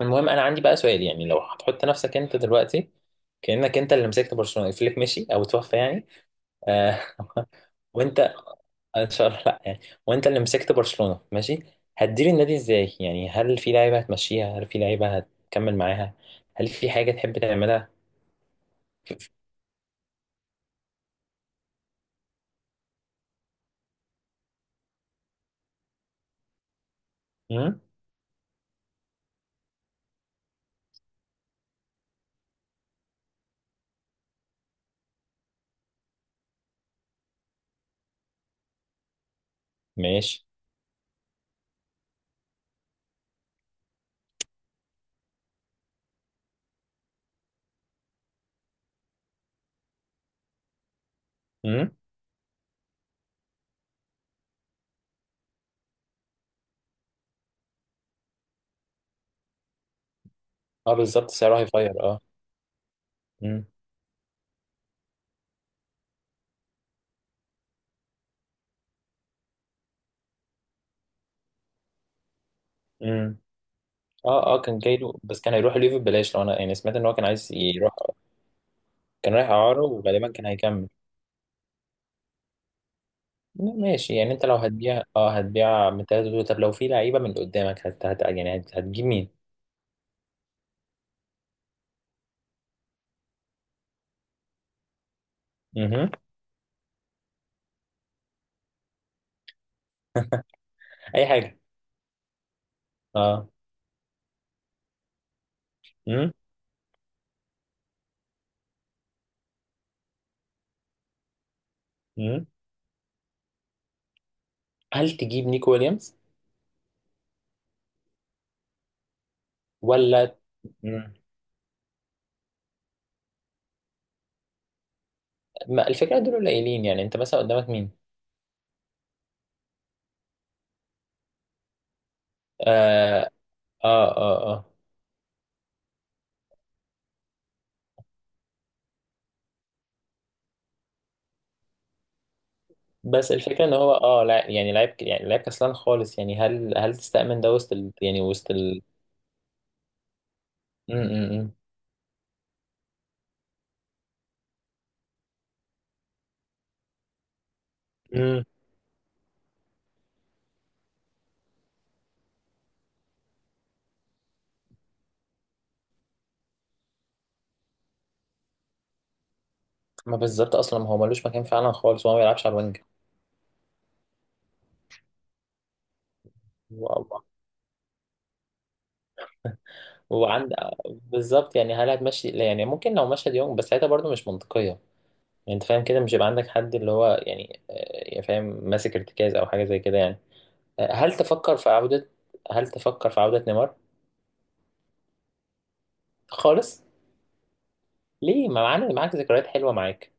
المهم انا عندي بقى سؤال يعني لو هتحط نفسك انت دلوقتي كأنك انت اللي مسكت برشلونة فليك مشي او توفى يعني آه وانت ان شاء الله لا يعني. وانت اللي مسكت برشلونة ماشي، هتدير النادي ازاي؟ يعني هل في لعيبة هتمشيها؟ هل في لعيبة هتكمل معاها؟ هل في حاجة تحب تعملها؟ امم ماشي. امم اه بالظبط سعره هيفاير. اه. امم. امم. اه اه كان جاي له بس كان هيروح ليفل ببلاش لو انا يعني سمعت ان هو كان عايز يروح. كان رايح اعاره وغالبا كان هيكمل. لا، ماشي، يعني انت لو هتبيع اه هتبيع من ثلاثة دول، طب لو في لعيبة من قدامك هتجيب مين؟ اها. اي حاجة. اه. امم. امم. هل تجيب نيكو ويليامز ولا؟ مم. ما الفكرة دول قليلين، يعني انت مثلا قدامك مين؟ اه اه اه، آه. بس الفكرة ان هو اه لا يعني لعيب يعني لعيب كسلان خالص، يعني هل تستأمن ده وسط يعني وسط ال... مم، مم، مم. مم. ما بالظبط اصلا، ما هو ملوش مكان فعلا خالص وهو ما بيلعبش على الوينج. وعند، بالظبط، يعني هل هتمشي؟ لا، يعني ممكن لو مشهد يوم بس ساعتها برضه مش منطقية. يعني انت فاهم كده مش هيبقى عندك حد اللي هو يعني يعني فاهم ماسك ارتكاز او حاجة زي كده يعني. آه، هل تفكر في عودة، هل تفكر في عودة نيمار؟ خالص. ليه؟ ما معانا معاك ذكريات حلوة معاك.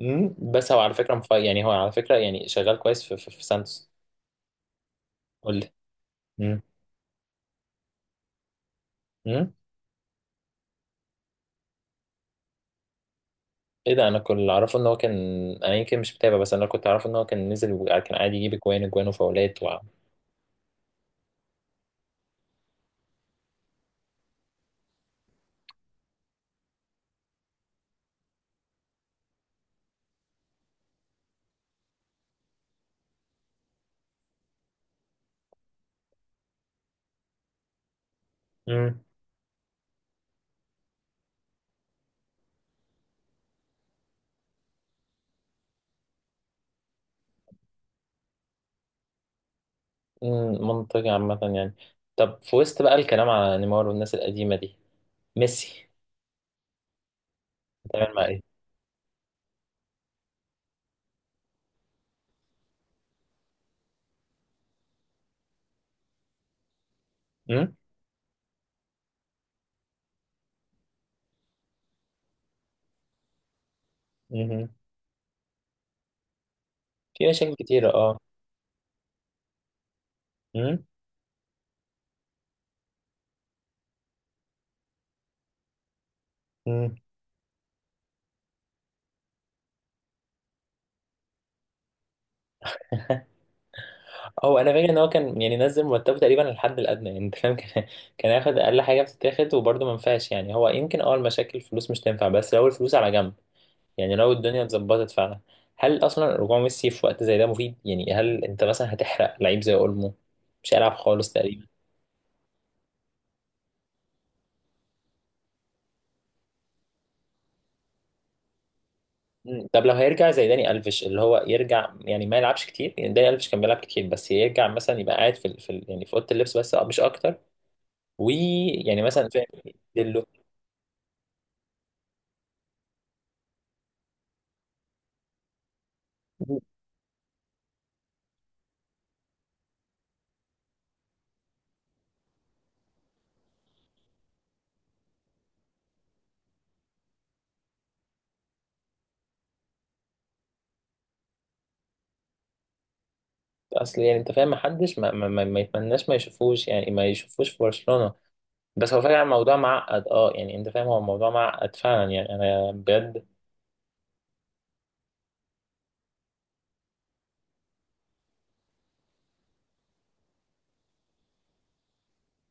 امم. بس هو على فكرة يعني هو على فكرة يعني شغال كويس في سانتوس. قول لي. امم. امم. ايه ده؟ انا كنت اللي اعرفه ان هو كان، انا يمكن مش متابع بس انا كنت اعرفه ان هو كان نزل وكان عادي يجيب اجوان اجوان وفاولات و... مم. مم، منطقي عامة يعني. طب في وسط بقى الكلام على نيمار والناس القديمة دي، ميسي هتعمل مع ايه؟ مم؟ مم. في مشاكل كتيرة اه. مم؟ مم. هو انا فاكر ان هو كان يعني نزل مرتبه تقريبا الحد الادنى، يعني انت فاهم كان كان ياخد اقل حاجه بتتاخد وبرضه ما ينفعش. يعني هو يمكن اه المشاكل الفلوس مش تنفع، بس لو الفلوس على جنب، يعني لو الدنيا اتظبطت فعلا، هل اصلا رجوع ميسي في وقت زي ده مفيد؟ يعني هل انت مثلا هتحرق لعيب زي اولمو مش هيلعب خالص تقريبا؟ مم. طب لو هيرجع زي داني الفيش اللي هو يرجع يعني ما يلعبش كتير، يعني داني الفيش كان بيلعب كتير، بس يرجع مثلا يبقى قاعد يعني في اوضه اللبس بس، أه، مش اكتر. ويعني مثلا فاهم. يديله. اصل يعني انت فاهم محدش ما يتمناش ما يشوفوش، يعني ما يشوفوش في برشلونه. بس هو فعلا الموضوع معقد اه، يعني انت فاهم هو الموضوع معقد فعلا يعني انا بجد.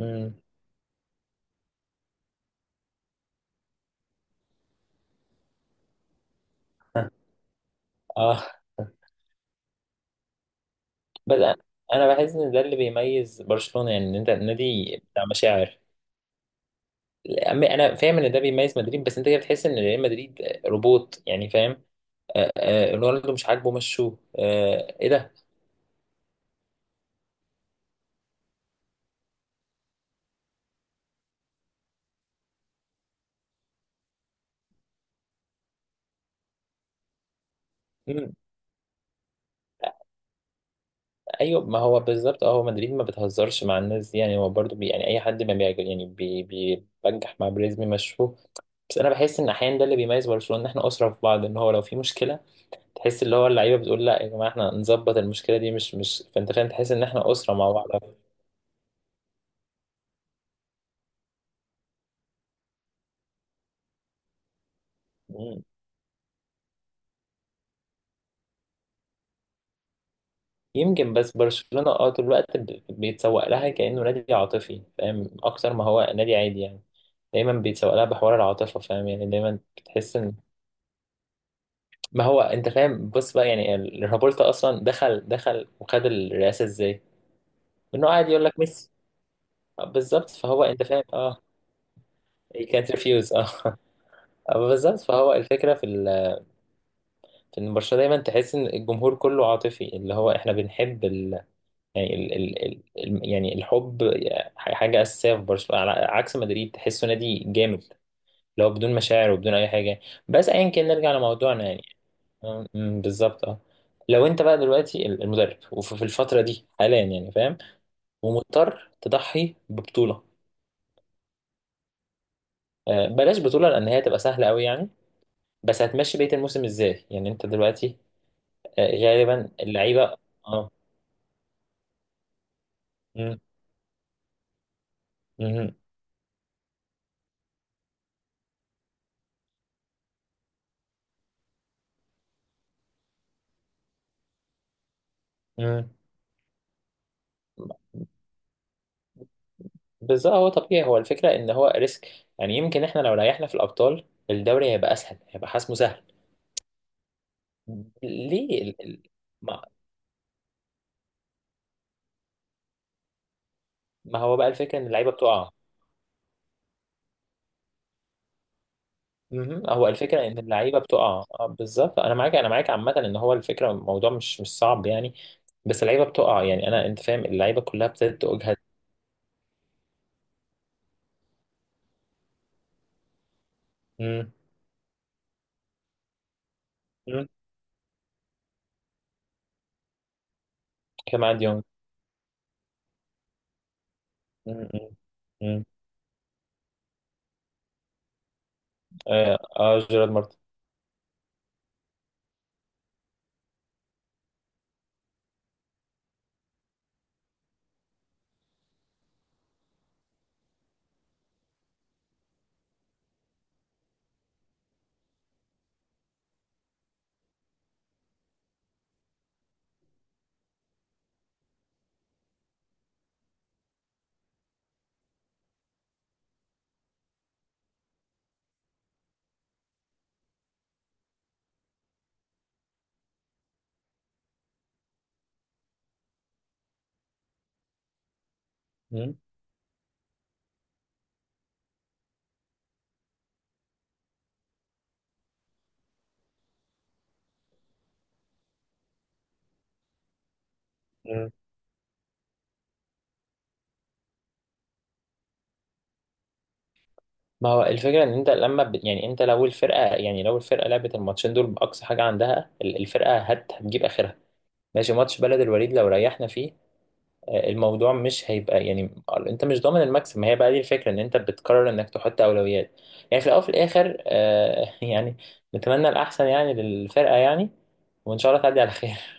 مم. اه بس انا، أنا بحس ان ده اللي بيميز برشلونه، يعني ان انت النادي بتاع مشاعر. انا فاهم ان ده بيميز مدريد، بس انت كده بتحس ان ريال مدريد روبوت يعني فاهم. آه، آه، رونالدو مش عاجبه مشوه، آه، ايه ده. مم، ايوه ما هو بالظبط اه، هو مدريد ما بتهزرش مع الناس دي، يعني هو برضو بي يعني اي حد ما بيعجب يعني بيبجح مع بريزمي مشوه. بس انا بحس ان احيانا ده اللي بيميز برشلونه، ان احنا اسره في بعض، ان هو لو في مشكله تحس اللي هو اللعيبه بتقول لا يا جماعه احنا نظبط المشكله دي، مش فانت فاهم تحس ان احنا اسره مع بعض. يمكن بس برشلونة اه طول الوقت بيتسوق لها كأنه نادي عاطفي، فاهم اكتر ما هو نادي عادي يعني. دايما بيتسوق لها بحوار العاطفة، فاهم يعني دايما بتحس ان، ما هو انت فاهم بص بقى يعني رابولتا اصلا دخل وخد الرئاسة ازاي؟ انه قاعد يقول لك ميسي، آه، بالظبط، فهو انت فاهم اه he can't refuse اه آه، بالظبط، فهو الفكرة في ان برشلونة دايما تحس ان الجمهور كله عاطفي، اللي هو احنا بنحب يعني يعني الحب، حاجة أساسية في برشلونة، على عكس مدريد تحسه نادي جامد، لو بدون مشاعر وبدون أي حاجة. بس أيا كان نرجع لموضوعنا يعني. أم- أم، بالظبط أه. لو أنت بقى دلوقتي المدرب وفي الفترة دي حاليا يعني فاهم، ومضطر تضحي ببطولة، آه، بلاش بطولة لأن هي تبقى سهلة أوي يعني، بس هتمشي بقية الموسم إزاي يعني أنت دلوقتي؟ آه، غالبا اللعيبة. أه. أم، أم، أم. بالظبط، هو طبيعي، هو الفكرة ان هو ريسك، يعني يمكن احنا لو ريحنا في الابطال الدوري هيبقى اسهل، هيبقى حسمه سهل. ليه ما, ما هو بقى الفكرة ان اللعيبة بتقع. مهم. هو الفكرة ان اللعيبة بتقع، آه، بالظبط انا معاك، انا معاك عامة، ان هو الفكرة الموضوع مش صعب يعني، بس اللعيبة بتقع، يعني انا انت فاهم اللعيبة كلها ابتدت تجهد. مم. مم. كما عاد يونغ. مم. مم. مم. اه آه، جيرارد مارتن. مم. ما هو الفكرة ان انت لما يعني انت لو الفرقة، يعني لو الفرقة لعبت الماتشين دول بأقصى حاجة عندها الفرقة هتجيب آخرها. ماشي، ماتش بلد الوليد لو ريحنا فيه، آه، الموضوع مش هيبقى يعني، انت مش ضامن المكسب، ما هي بقى دي الفكرة، ان انت بتقرر انك تحط أولويات يعني في الأول وفي الآخر، آه، يعني نتمنى الأحسن يعني للفرقة يعني، وإن شاء الله تعدي على خير.